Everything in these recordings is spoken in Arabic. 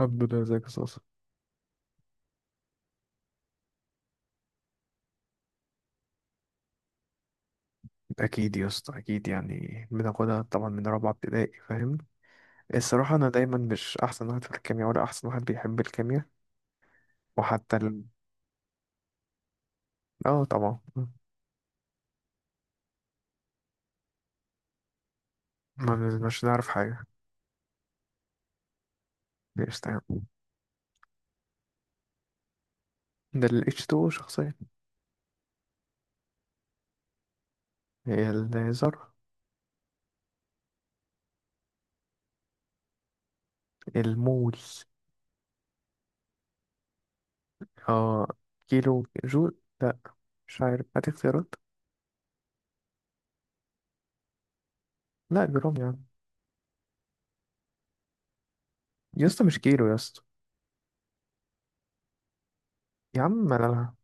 الحمد لله. ازيك يا صاصة؟ اكيد يا اسطى، اكيد، يعني بناخدها طبعا من رابعه ابتدائي، فاهم. الصراحه انا دايما مش احسن واحد في الكيمياء، ولا احسن واحد بيحب الكيمياء. وحتى ال... اه طبعا. ما بن- مش نعرف حاجه. مش تمام. ده ال H2O شخصيا. هي الذرة. المول. اه، كيلو جول، لا. مش عارف، هات اختيارات. لا جرام يا عم، يا اسطى مش كيلو يا اسطى. يا عم لا،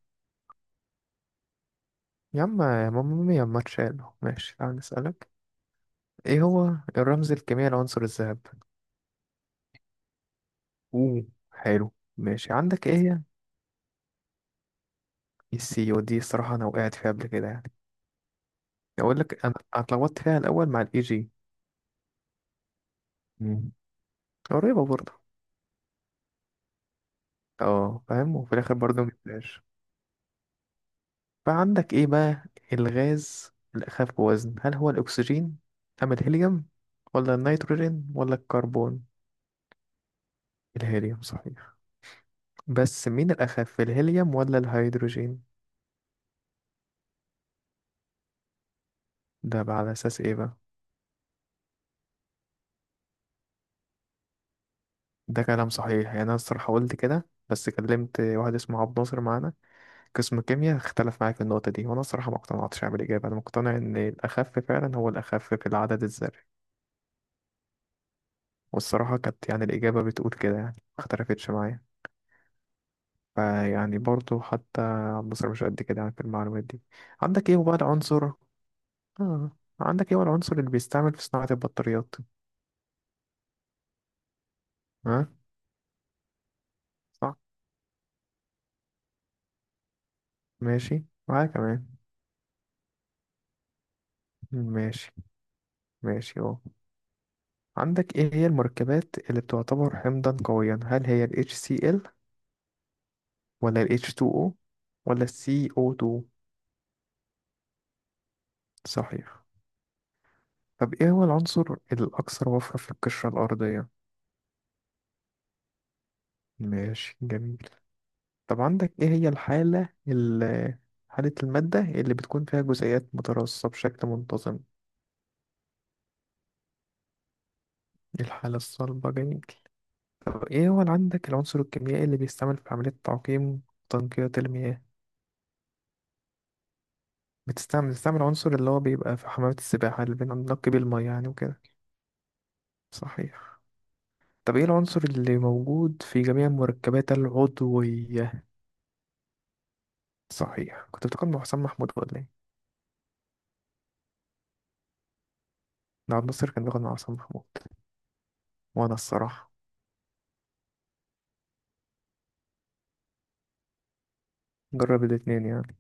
يا عم يا ماما يا ما تشالو. ماشي، تعال نسألك. ايه هو الرمز الكيميائي لعنصر الذهب؟ اوه، حلو، ماشي. عندك ايه هي؟ السي، ودي الصراحه انا وقعت فيها قبل كده يعني. اقول لك انا اتلخبطت فيها الاول مع الاي جي. مم. قريبه برضه. اه فاهم، وفي الاخر برضه مجبتهاش. فعندك ايه بقى؟ الغاز الاخف بوزن، هل هو الاكسجين ام الهيليوم ولا النيتروجين ولا الكربون؟ الهيليوم صحيح. بس مين الاخف، الهيليوم ولا الهيدروجين؟ ده بقى على اساس ايه بقى؟ ده كلام صحيح، يعني انا الصراحه قلت كده، بس كلمت واحد اسمه عبد الناصر معانا، قسم كيمياء، اختلف معايا في النقطه دي، وانا الصراحه ما اقتنعتش بالاجابه. انا مقتنع ان الاخف فعلا هو الاخف في العدد الذري. والصراحه كانت يعني الاجابه بتقول كده، يعني ما اختلفتش معايا. فيعني برضه حتى عبد الناصر مش قد كده يعني في المعلومات دي. عندك ايه هو بقى العنصر؟ اه، عندك ايه هو العنصر اللي بيستعمل في صناعه البطاريات؟ ها. صح. ماشي معايا كمان. ماشي، ماشي اهو. عندك ايه هي المركبات اللي بتعتبر حمضا قويا، هل هي ال HCl ولا ال H2O ولا ال CO2؟ صحيح. طب ايه هو العنصر الاكثر وفرة في القشرة الارضية؟ ماشي جميل. طب عندك ايه هي حالة المادة اللي بتكون فيها جزيئات متراصة بشكل منتظم؟ الحالة الصلبة، جميل. طب ايه هو اللي عندك، العنصر الكيميائي اللي بيستعمل في عملية تعقيم وتنقية المياه؟ بتستعمل عنصر اللي هو بيبقى في حمامات السباحة اللي بننقي بيه المية يعني وكده. صحيح. طب ايه العنصر اللي موجود في جميع المركبات العضوية؟ صحيح. كنت بتاخد مع حسام محمود ولا ايه؟ نعم، ناصر كان بياخد مع حسام محمود وانا الصراحة. جرب الاتنين يعني.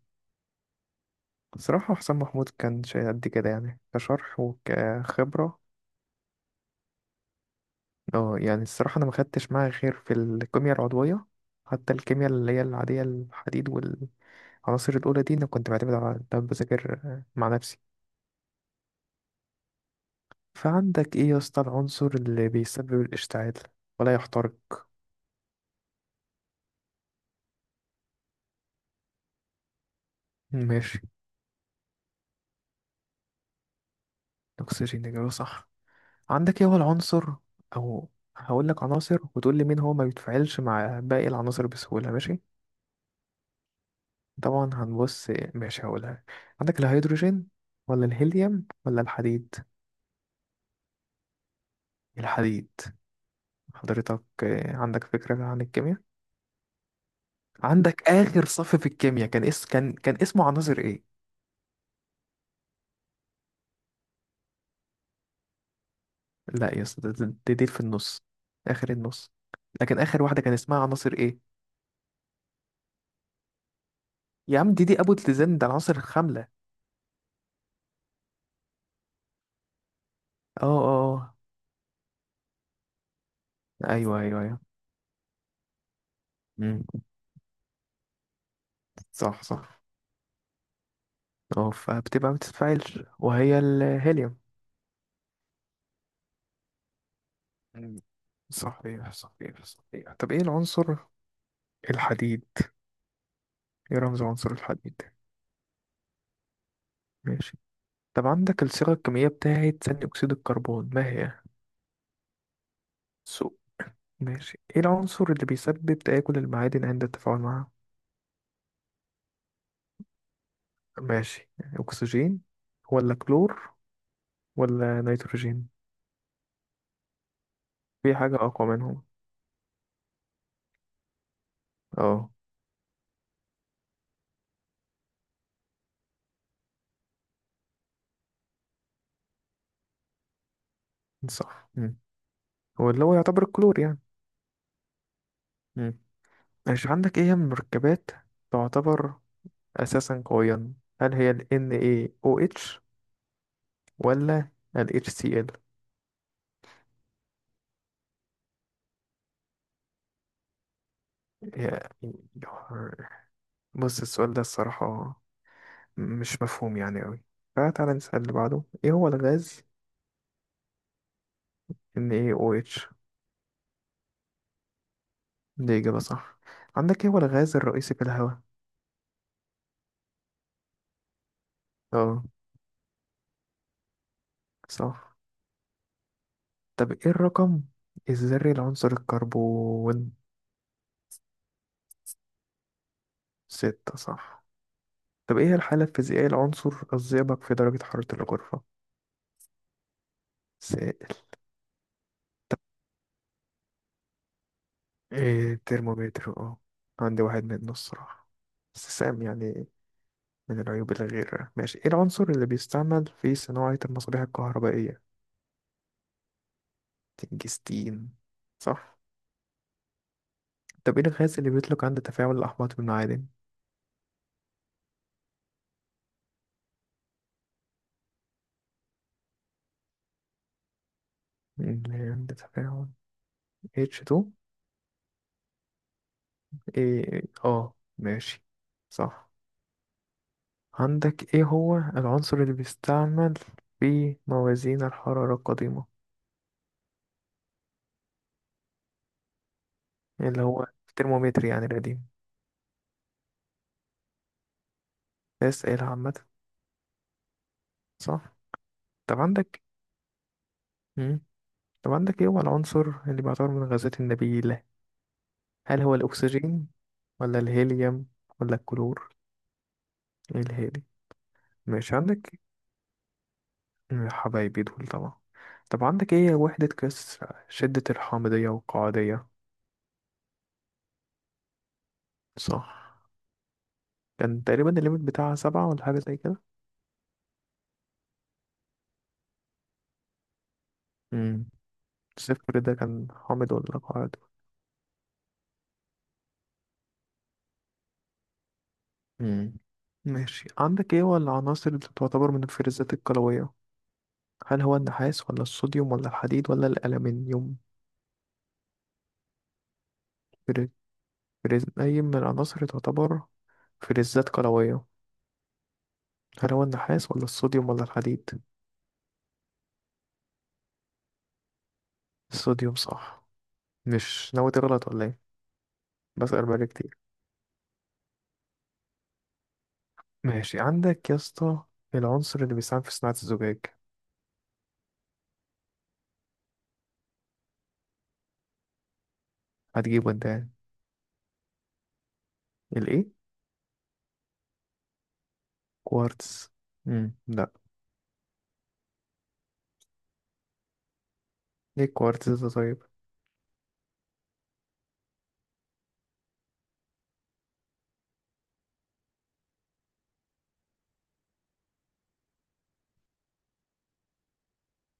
الصراحة حسام محمود كان شيء قد كده يعني، كشرح وكخبرة. اه يعني الصراحة انا ما خدتش معاه غير في الكيمياء العضوية. حتى الكيمياء اللي هي العادية، الحديد والعناصر الأولى دي، أنا كنت بعتمد على ده بذاكر مع نفسي. فعندك إيه يا اسطى، العنصر اللي بيسبب الاشتعال ولا يحترق؟ ماشي. الأكسجين إجابة صح. عندك إيه هو العنصر، أو هقول لك عناصر وتقول لي مين هو ما بيتفاعلش مع باقي العناصر بسهولة، ماشي؟ طبعا هنبص، ماشي، هقولها. عندك الهيدروجين ولا الهيليوم ولا الحديد؟ الحديد. حضرتك آه، عندك فكرة عن الكيمياء. عندك آخر صف في الكيمياء، كان اس كان كان اسمه عناصر إيه؟ لا يا اسطى، دي في النص، آخر النص. لكن آخر واحدة كان اسمها عناصر إيه؟ يا عم دي أبو تلزان، ده العناصر الخاملة. اه اه، آه. ايوه ايوه ايوه. امم، صح صح. اه فبتبقى ما بتتفاعلش، وهي الهيليوم. مم. صحيح صحيح صحيح. طب ايه العنصر، الحديد، ايه رمز عنصر الحديد؟ ماشي. طب عندك الصيغة الكيميائية بتاعت ثاني أكسيد الكربون ما هي؟ سو، ماشي. ايه العنصر اللي بيسبب تآكل المعادن عند التفاعل معها؟ ماشي. أكسجين ولا كلور ولا نيتروجين؟ في حاجة أقوى منهم. اه، صح. هو اللي هو يعتبر الكلور يعني. مش عندك ايه هي من المركبات تعتبر اساسا قويا، هل هي ال NaOH ولا ال HCl؟ يا- بص السؤال ده الصراحة مش مفهوم يعني أوي. فتعالى نسأل اللي بعده. ايه هو الغاز؟ NaOH. دي إجابة صح. عندك ايه هو الغاز الرئيسي في الهواء؟ اه، صح. طب ايه الرقم الذري لعنصر الكربون؟ ستة، صح. طب ايه الحالة الفيزيائية لعنصر الزئبق في درجة حرارة الغرفة؟ إيه، ترمومتر، اه. عندي واحد منه الصراحة، بس سام يعني، من العيوب. الغير ماشي، ايه العنصر اللي بيستعمل في صناعة المصابيح الكهربائية؟ تنجستين، صح. طب ايه الغاز اللي بيطلق عند تفاعل الأحماض بالمعادن؟ اللي عند تفاعل. H2. ايه اه، ماشي، صح. عندك ايه هو العنصر اللي بيستعمل في موازين الحرارة القديمة، اللي هو الترمومتر يعني القديم؟ اسئلة عامة. صح. طب عندك، مم. طب عندك ايه هو العنصر اللي بيعتبر من الغازات النبيلة، هل هو الأكسجين ولا الهيليوم ولا الكلور؟ الهادي. ماشي عندك، يا حبايبي دول طبعا. طب عندك ايه وحدة قياس شدة الحامضية والقاعدية؟ صح. كان تقريبا الليميت بتاعها سبعة ولا حاجة زي كده. مم. صفر ده كان حامض ولا قاعد؟ مم. ماشي. عندك ايه هو العناصر اللي تعتبر من الفلزات القلوية، هل هو النحاس ولا الصوديوم ولا الحديد ولا الألمنيوم؟ فلز، أي من العناصر تعتبر فلزات قلوية؟ هل هو النحاس ولا الصوديوم ولا الحديد؟ الصوديوم، صح. مش ناوي تغلط ولا ايه؟ بسأل بقالي كتير. ماشي عندك يا اسطى، العنصر اللي بيساهم في صناعة الزجاج؟ هتجيبه انت يعني. الايه؟ كوارتز. لا، ايه الكوارتز ده طيب؟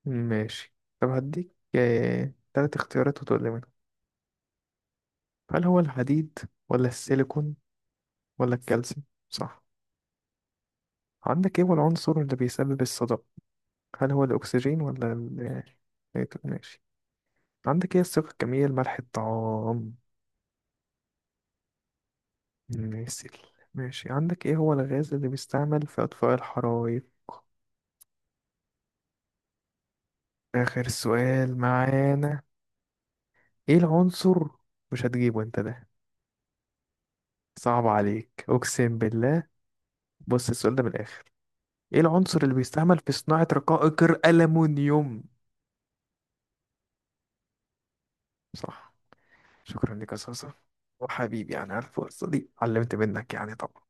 ماشي. طب هديك تلات اختيارات وتقول لي منهم، هل هو الحديد ولا السيليكون ولا الكالسيوم؟ صح. عندك ايه هو العنصر اللي بيسبب الصدأ، هل هو الأكسجين ولا ال، إيه، طب ماشي. عندك ايه الصيغة الكيميائية لملح الطعام؟ نسيل، ماشي. عندك ايه هو الغاز اللي بيستعمل في أطفاء الحرائق؟ آخر سؤال معانا، ايه العنصر، مش هتجيبه انت ده، صعب عليك أقسم بالله. بص السؤال ده من الآخر، ايه العنصر اللي بيستعمل في صناعة رقائق الألمنيوم؟ صح، شكرا لك يا صاصة. وحبيبي يعني، عارف القصة دي علمت منك يعني طبعا.